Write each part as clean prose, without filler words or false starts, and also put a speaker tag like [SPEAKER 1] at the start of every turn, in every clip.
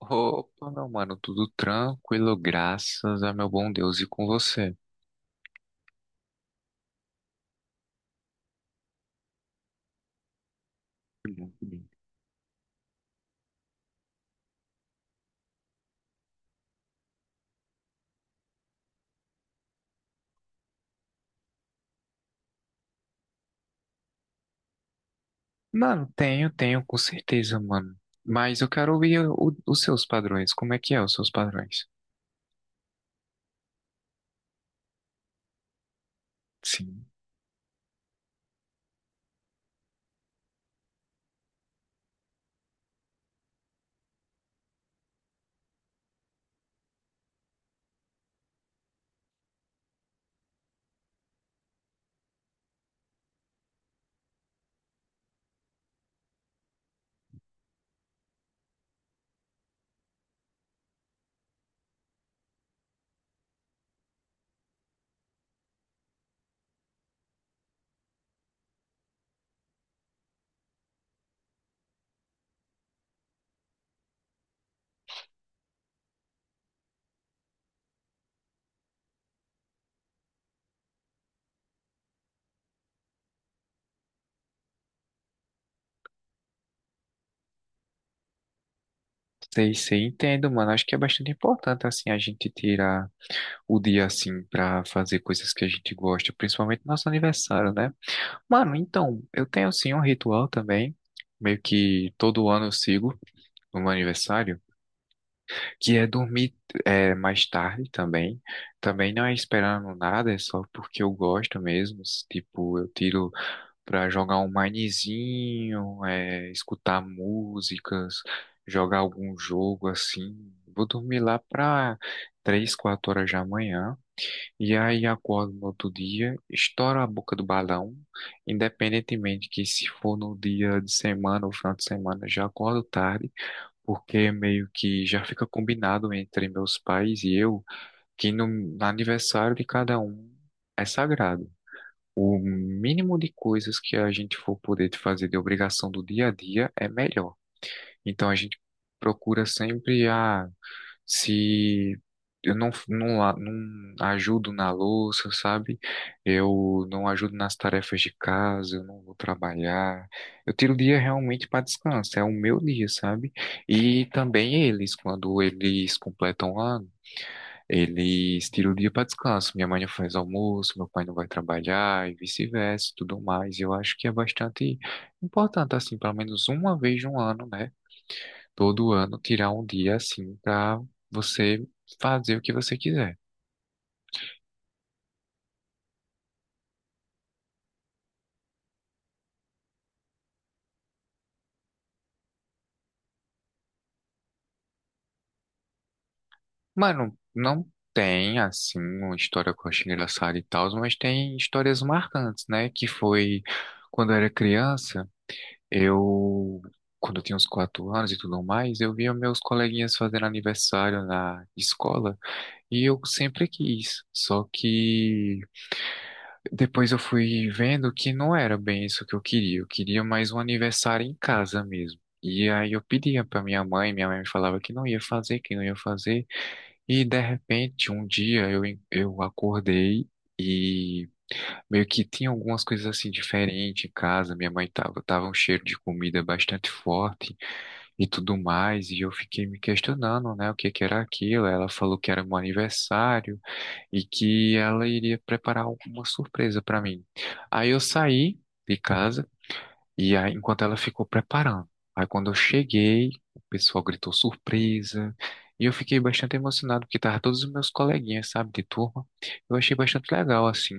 [SPEAKER 1] Opa, meu mano, tudo tranquilo, graças a meu bom Deus e com você. Mano, tenho, com certeza, mano. Mas eu quero ouvir os seus padrões. Como é que é os seus padrões? Sim, sei, entendo, mano. Acho que é bastante importante, assim, a gente tirar o dia, assim, pra fazer coisas que a gente gosta, principalmente nosso aniversário, né? Mano, então, eu tenho, assim, um ritual também. Meio que todo ano eu sigo no meu aniversário, que é dormir mais tarde também. Também não é esperando nada, é só porque eu gosto mesmo. Tipo, eu tiro pra jogar um minezinho, escutar músicas, jogar algum jogo assim. Vou dormir lá pra três, quatro horas da manhã. E aí acordo no outro dia, estouro a boca do balão. Independentemente que se for no dia de semana ou final de semana, já acordo tarde porque meio que já fica combinado entre meus pais e eu que no aniversário de cada um é sagrado. O mínimo de coisas que a gente for poder fazer de obrigação do dia a dia é melhor. Então a gente procura sempre a se eu não ajudo na louça, sabe? Eu não ajudo nas tarefas de casa, eu não vou trabalhar. Eu tiro o dia realmente para descanso, é o meu dia, sabe? E também eles, quando eles completam o ano, eles tiram o dia para descanso. Minha mãe não faz almoço, meu pai não vai trabalhar e vice-versa, e tudo mais. Eu acho que é bastante importante, assim, pelo menos uma vez no ano, né? Todo ano tirar um dia assim pra você fazer o que você quiser. Mano, não tem assim uma história que eu acho engraçada e tal, mas tem histórias marcantes, né? Que foi quando eu era criança, eu. Quando eu tinha uns quatro anos e tudo mais, eu via meus coleguinhas fazendo aniversário na escola e eu sempre quis. Só que depois eu fui vendo que não era bem isso que eu queria. Eu queria mais um aniversário em casa mesmo. E aí eu pedia pra minha mãe me falava que não ia fazer, que não ia fazer. E de repente, um dia eu acordei e meio que tinha algumas coisas assim diferentes em casa. Minha mãe tava um cheiro de comida bastante forte e tudo mais. E eu fiquei me questionando, né, o que que era aquilo. Ela falou que era meu aniversário e que ela iria preparar alguma surpresa para mim. Aí eu saí de casa e aí, enquanto ela ficou preparando. Aí quando eu cheguei, o pessoal gritou surpresa e eu fiquei bastante emocionado porque tava todos os meus coleguinhas, sabe, de turma. Eu achei bastante legal assim.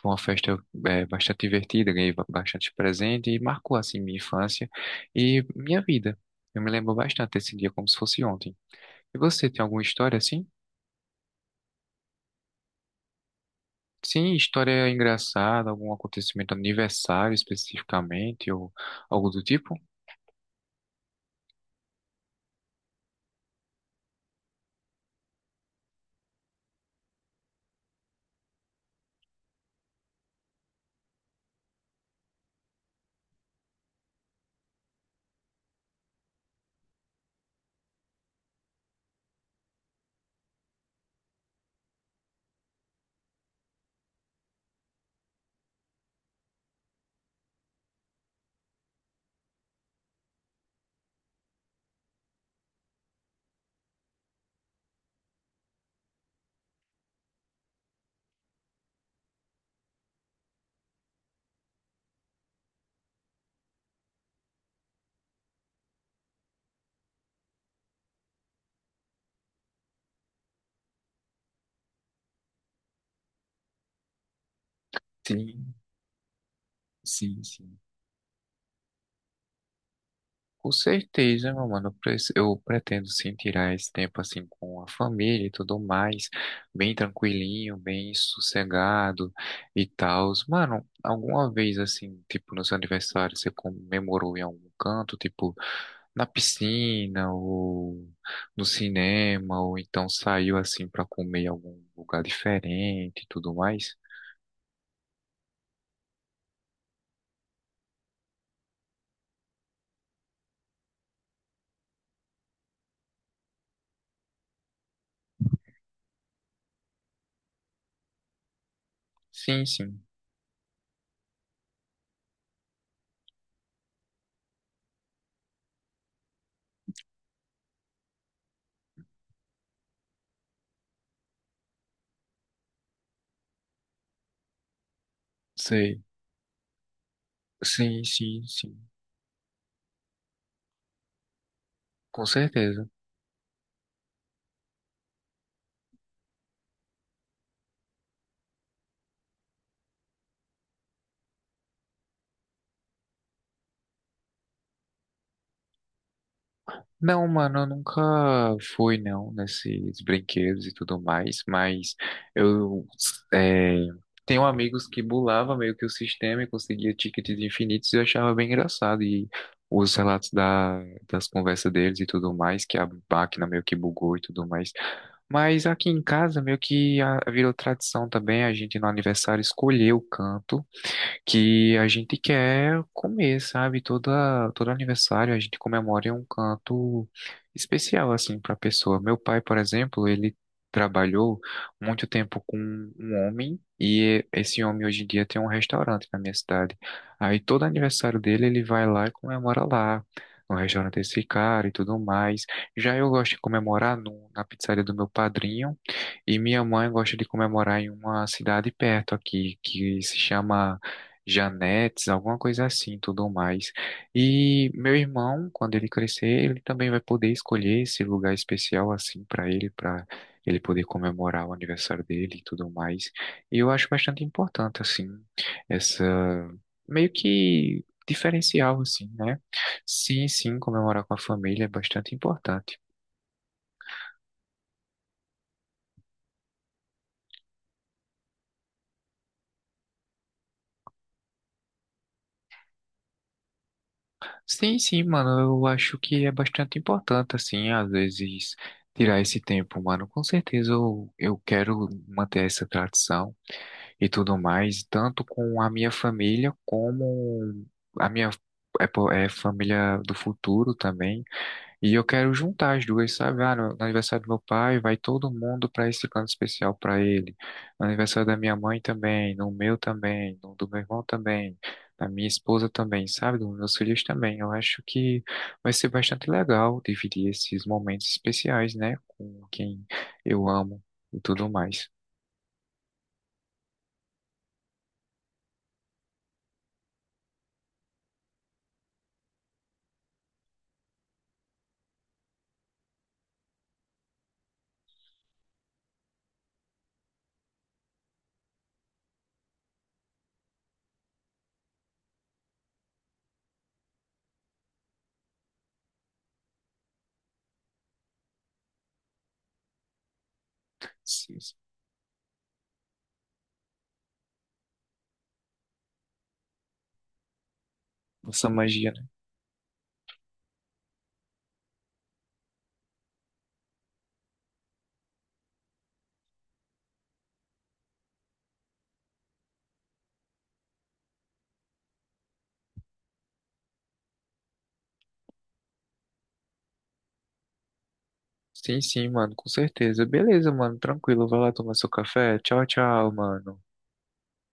[SPEAKER 1] Foi uma festa bastante divertida, ganhei bastante presente e marcou assim minha infância e minha vida. Eu me lembro bastante desse dia como se fosse ontem. E você tem alguma história assim? Sim, história engraçada, algum acontecimento aniversário especificamente, ou algo do tipo? Sim, sim, sim. Com certeza, meu mano. Eu pretendo sim tirar esse tempo assim com a família e tudo mais, bem tranquilinho, bem sossegado e tal. Mano, alguma vez assim, tipo, no seu aniversário, você comemorou em algum canto, tipo, na piscina ou no cinema, ou então saiu assim pra comer em algum lugar diferente e tudo mais. Sim, sim, sei. Sim, sim, sim, com certeza. Não, mano, eu nunca fui não nesses brinquedos e tudo mais, mas eu é, tenho amigos que burlava meio que o sistema e conseguia tickets infinitos e eu achava bem engraçado. E os relatos da, das conversas deles e tudo mais, que a máquina meio que bugou e tudo mais. Mas aqui em casa, meio que ah, virou tradição também, a gente no aniversário escolher o canto que a gente quer comer, sabe? Todo aniversário a gente comemora em um canto especial, assim, para a pessoa. Meu pai, por exemplo, ele trabalhou muito tempo com um homem e esse homem hoje em dia tem um restaurante na minha cidade. Aí todo aniversário dele ele vai lá e comemora lá. No restaurante desse cara e tudo mais. Já eu gosto de comemorar no, na pizzaria do meu padrinho, e minha mãe gosta de comemorar em uma cidade perto aqui, que se chama Janetes, alguma coisa assim, tudo mais. E meu irmão, quando ele crescer, ele também vai poder escolher esse lugar especial assim para ele poder comemorar o aniversário dele e tudo mais. E eu acho bastante importante assim essa meio que diferencial assim, né? Sim, sim, comemorar com a família é bastante importante. Sim, sim, mano, eu acho que é bastante importante, assim, às vezes tirar esse tempo, mano. Com certeza eu quero manter essa tradição e tudo mais, tanto com a minha família como a minha família do futuro também. E eu quero juntar as duas, sabe? Ah, no aniversário do meu pai, vai todo mundo para esse plano especial para ele. No aniversário da minha mãe também, no meu também, no do meu irmão também, da minha esposa também, sabe? Dos meus filhos também. Eu acho que vai ser bastante legal dividir esses momentos especiais, né? Com quem eu amo e tudo mais. Sim, sim. Essa magia, né? Sim, sim, mano, com certeza. Beleza, mano, tranquilo. Vai lá tomar seu café. Tchau, tchau, mano.